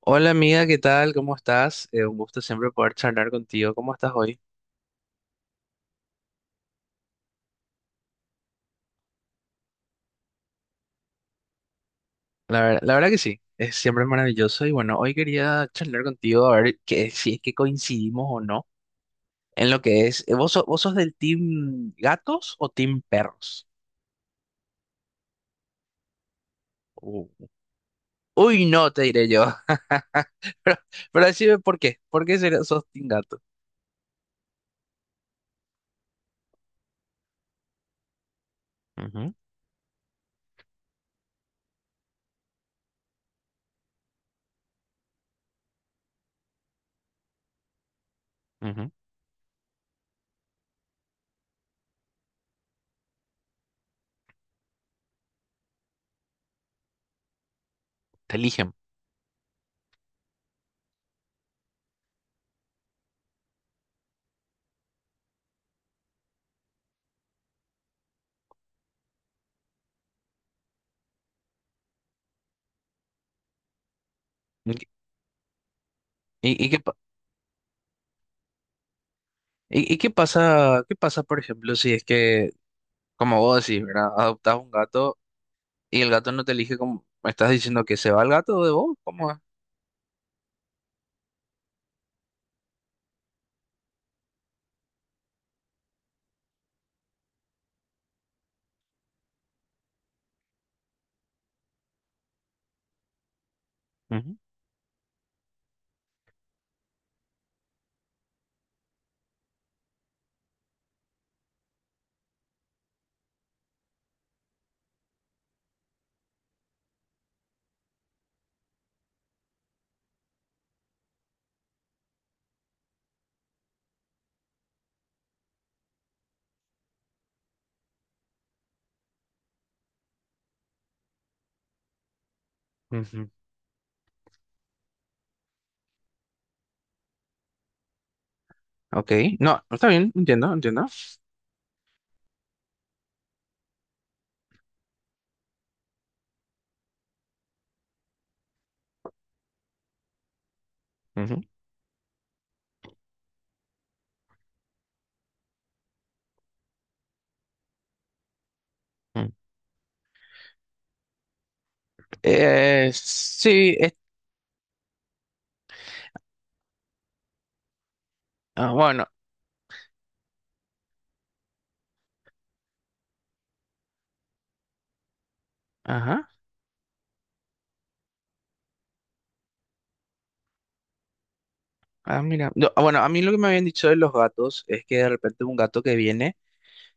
Hola amiga, ¿qué tal? ¿Cómo estás? Un gusto siempre poder charlar contigo. ¿Cómo estás hoy? La verdad que sí, es siempre maravilloso y bueno, hoy quería charlar contigo a ver que, si es que coincidimos o no en lo que es. ¿Vos, vos sos del team gatos o team perros? Uh, Uy, no, te diré yo. Pero, pero decime por qué. Sos team gato? Ujú, ujú. Te eligen. ¿Y, qué ¿Y qué y qué pasa, por ejemplo, si es que, como vos decís, ¿verdad? Adoptás un gato. Y el gato no te elige como… ¿Me estás diciendo que se va el gato de vos? ¿Cómo es? Ujú, ujú. Ok. No, está bien, entiendo, entiendo. Ujú, ujú. Sí, ah, bueno, ajá. Ah, mira. No, ah, bueno, a mí lo que me habían dicho de los gatos es que de repente un gato que viene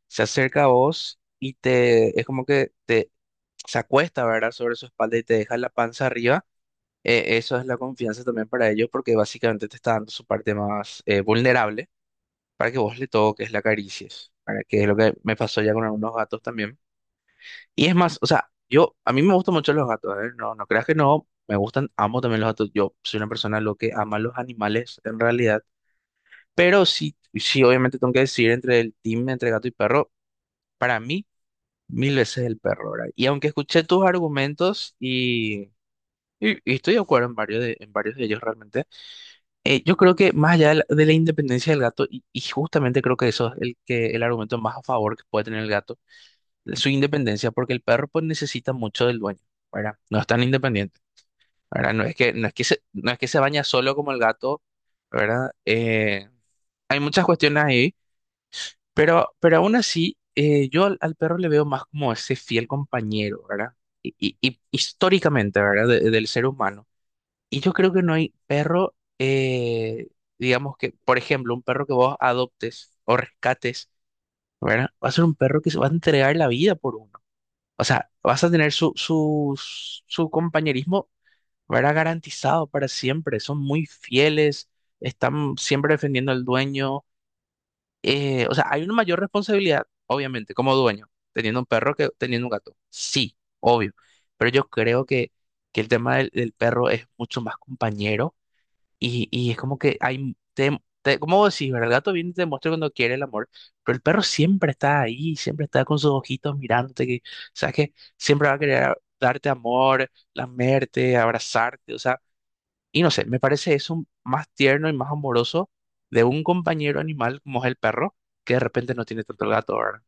se acerca a vos y te, es como que te se acuesta, ¿verdad? Sobre su espalda y te deja la panza arriba. Eso es la confianza también para ellos porque básicamente te está dando su parte más vulnerable, para que vos le toques, la acaricies, para que es lo que me pasó ya con algunos gatos también. Y es más, o sea, yo, a mí me gustan mucho los gatos, ¿eh? No, no creas que no, me gustan, amo también los gatos. Yo soy una persona lo que ama los animales en realidad, pero sí, sí, obviamente tengo que decidir entre el team, entre gato y perro, para mí, mil veces el perro, ¿verdad? Y aunque escuché tus argumentos y, y estoy de acuerdo en varios de ellos realmente. Yo creo que más allá de la independencia del gato, y justamente creo que eso es el, que, el argumento más a favor que puede tener el gato, su independencia, porque el perro pues, necesita mucho del dueño, ¿verdad? No es tan independiente, ¿verdad? No es que, no es que se, no es que se baña solo como el gato, ¿verdad? Hay muchas cuestiones ahí, pero aún así, yo al, al perro le veo más como ese fiel compañero, ¿verdad? Y, y históricamente, ¿verdad? Del ser humano. Y yo creo que no hay perro, digamos que, por ejemplo, un perro que vos adoptes o rescates, ¿verdad? Va a ser un perro que se va a entregar la vida por uno. O sea, vas a tener su, su, su compañerismo, ¿verdad? Garantizado para siempre. Son muy fieles, están siempre defendiendo al dueño. O sea, hay una mayor responsabilidad, obviamente, como dueño, teniendo un perro que teniendo un gato. Sí, obvio. Pero yo creo que el tema del perro es mucho más compañero y es como que hay, te, como vos decís, ¿verdad? El gato viene y te muestra cuando quiere el amor, pero el perro siempre está ahí, siempre está con sus ojitos mirándote, que, sabes que siempre va a querer darte amor, lamerte, abrazarte, o sea, y no sé, me parece eso más tierno y más amoroso de un compañero animal como es el perro, que de repente no tiene tanto el gato, ¿verdad?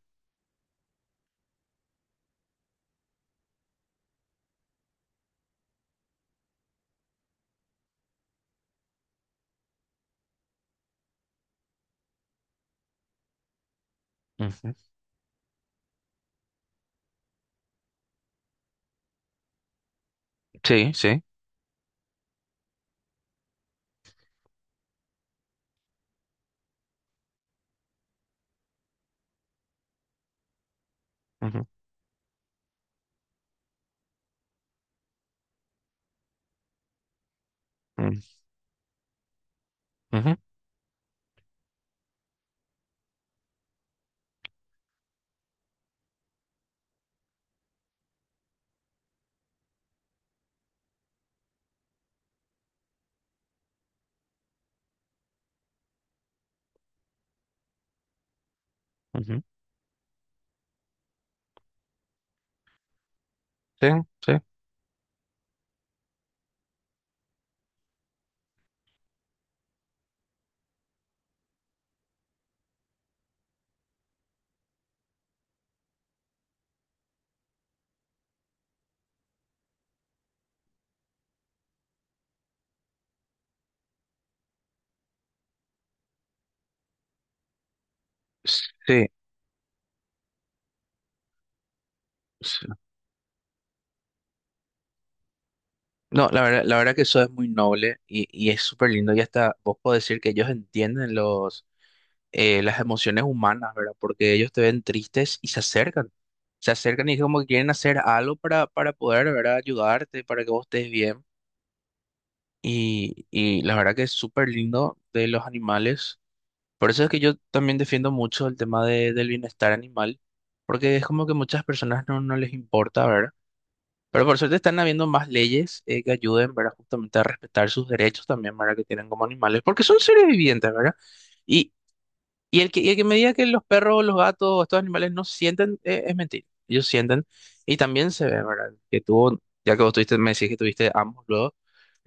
Ujú. Sí, sí. Ujú, ujú, ujú, ujú. Sí, sí. Sí, sí. No, la verdad que eso es muy noble y es súper lindo. Y hasta vos podés decir que ellos entienden los, las emociones humanas, ¿verdad? Porque ellos te ven tristes y se acercan. Se acercan y es como que quieren hacer algo para poder, ¿verdad? Ayudarte, para que vos estés bien. Y la verdad que es súper lindo de los animales. Por eso es que yo también defiendo mucho el tema de, del bienestar animal, porque es como que muchas personas no, no les importa, ¿verdad? Pero por suerte están habiendo más leyes que ayuden, ¿verdad? Justamente a respetar sus derechos también, ¿verdad? Que tienen como animales, porque son seres vivientes, ¿verdad? Y, y el que me diga que los perros, los gatos, estos animales no sienten, es mentira. Ellos sienten y también se ve, ¿verdad? Que tú, ya que vos tuviste, me decís que tuviste ambos luego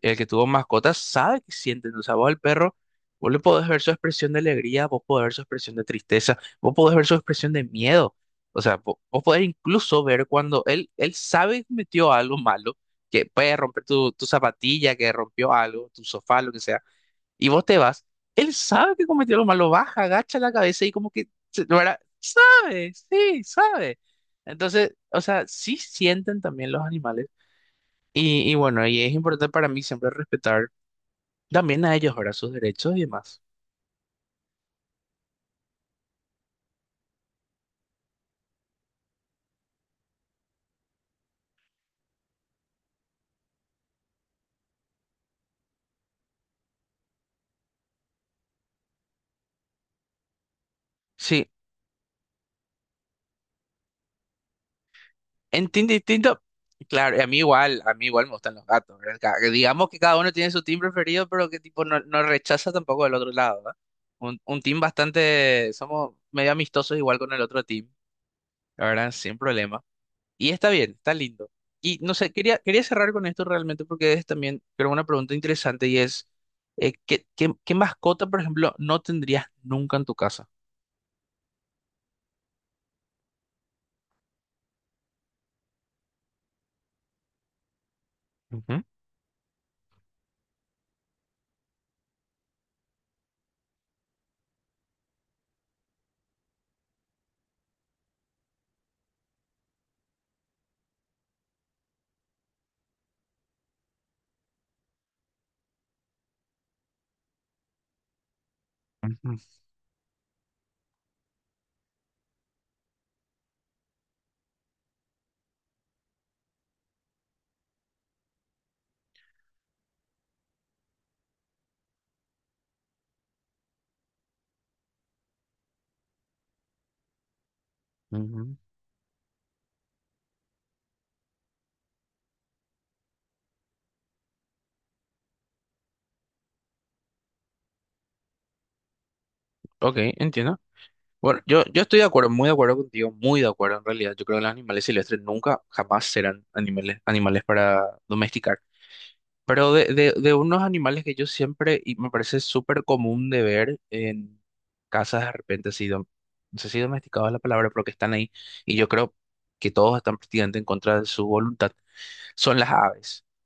el que tuvo mascotas sabe que sienten, o sea, vos al perro, vos le podés ver su expresión de alegría, vos podés ver su expresión de tristeza, vos podés ver su expresión de miedo, o sea, vos, podés incluso ver cuando él sabe que metió algo malo, que puede romper tu, tu zapatilla, que rompió algo, tu sofá, lo que sea, y vos te vas, él sabe que cometió lo malo, baja, agacha la cabeza y como que, ¿verdad? Sabe, sí, sabe. Entonces, o sea, sí sienten también los animales. Y bueno, y es importante para mí siempre respetar también a ellos, ¿verdad? Sus derechos y demás. Sí, en team distinto. Claro, y a mí igual me gustan los gatos, ¿verdad? Digamos que cada uno tiene su team preferido, pero que tipo no, no rechaza tampoco del otro lado, ¿verdad? Un team bastante, somos medio amistosos igual con el otro team, la verdad, sin problema. Y está bien, está lindo. Y no sé, quería, quería cerrar con esto realmente porque es también, creo, una pregunta interesante y es, ¿qué, qué, qué mascota, por ejemplo, no tendrías nunca en tu casa? Ujú, ujú, ujú. Ok, entiendo. Bueno, yo estoy de acuerdo, muy de acuerdo contigo, muy de acuerdo en realidad. Yo creo que los animales silvestres nunca, jamás serán animales, animales para domesticar. Pero de unos animales que yo siempre, y me parece súper común de ver en casas de repente, así, no sé si domesticados es la palabra, pero que están ahí, y yo creo que todos están prácticamente en contra de su voluntad, son las aves.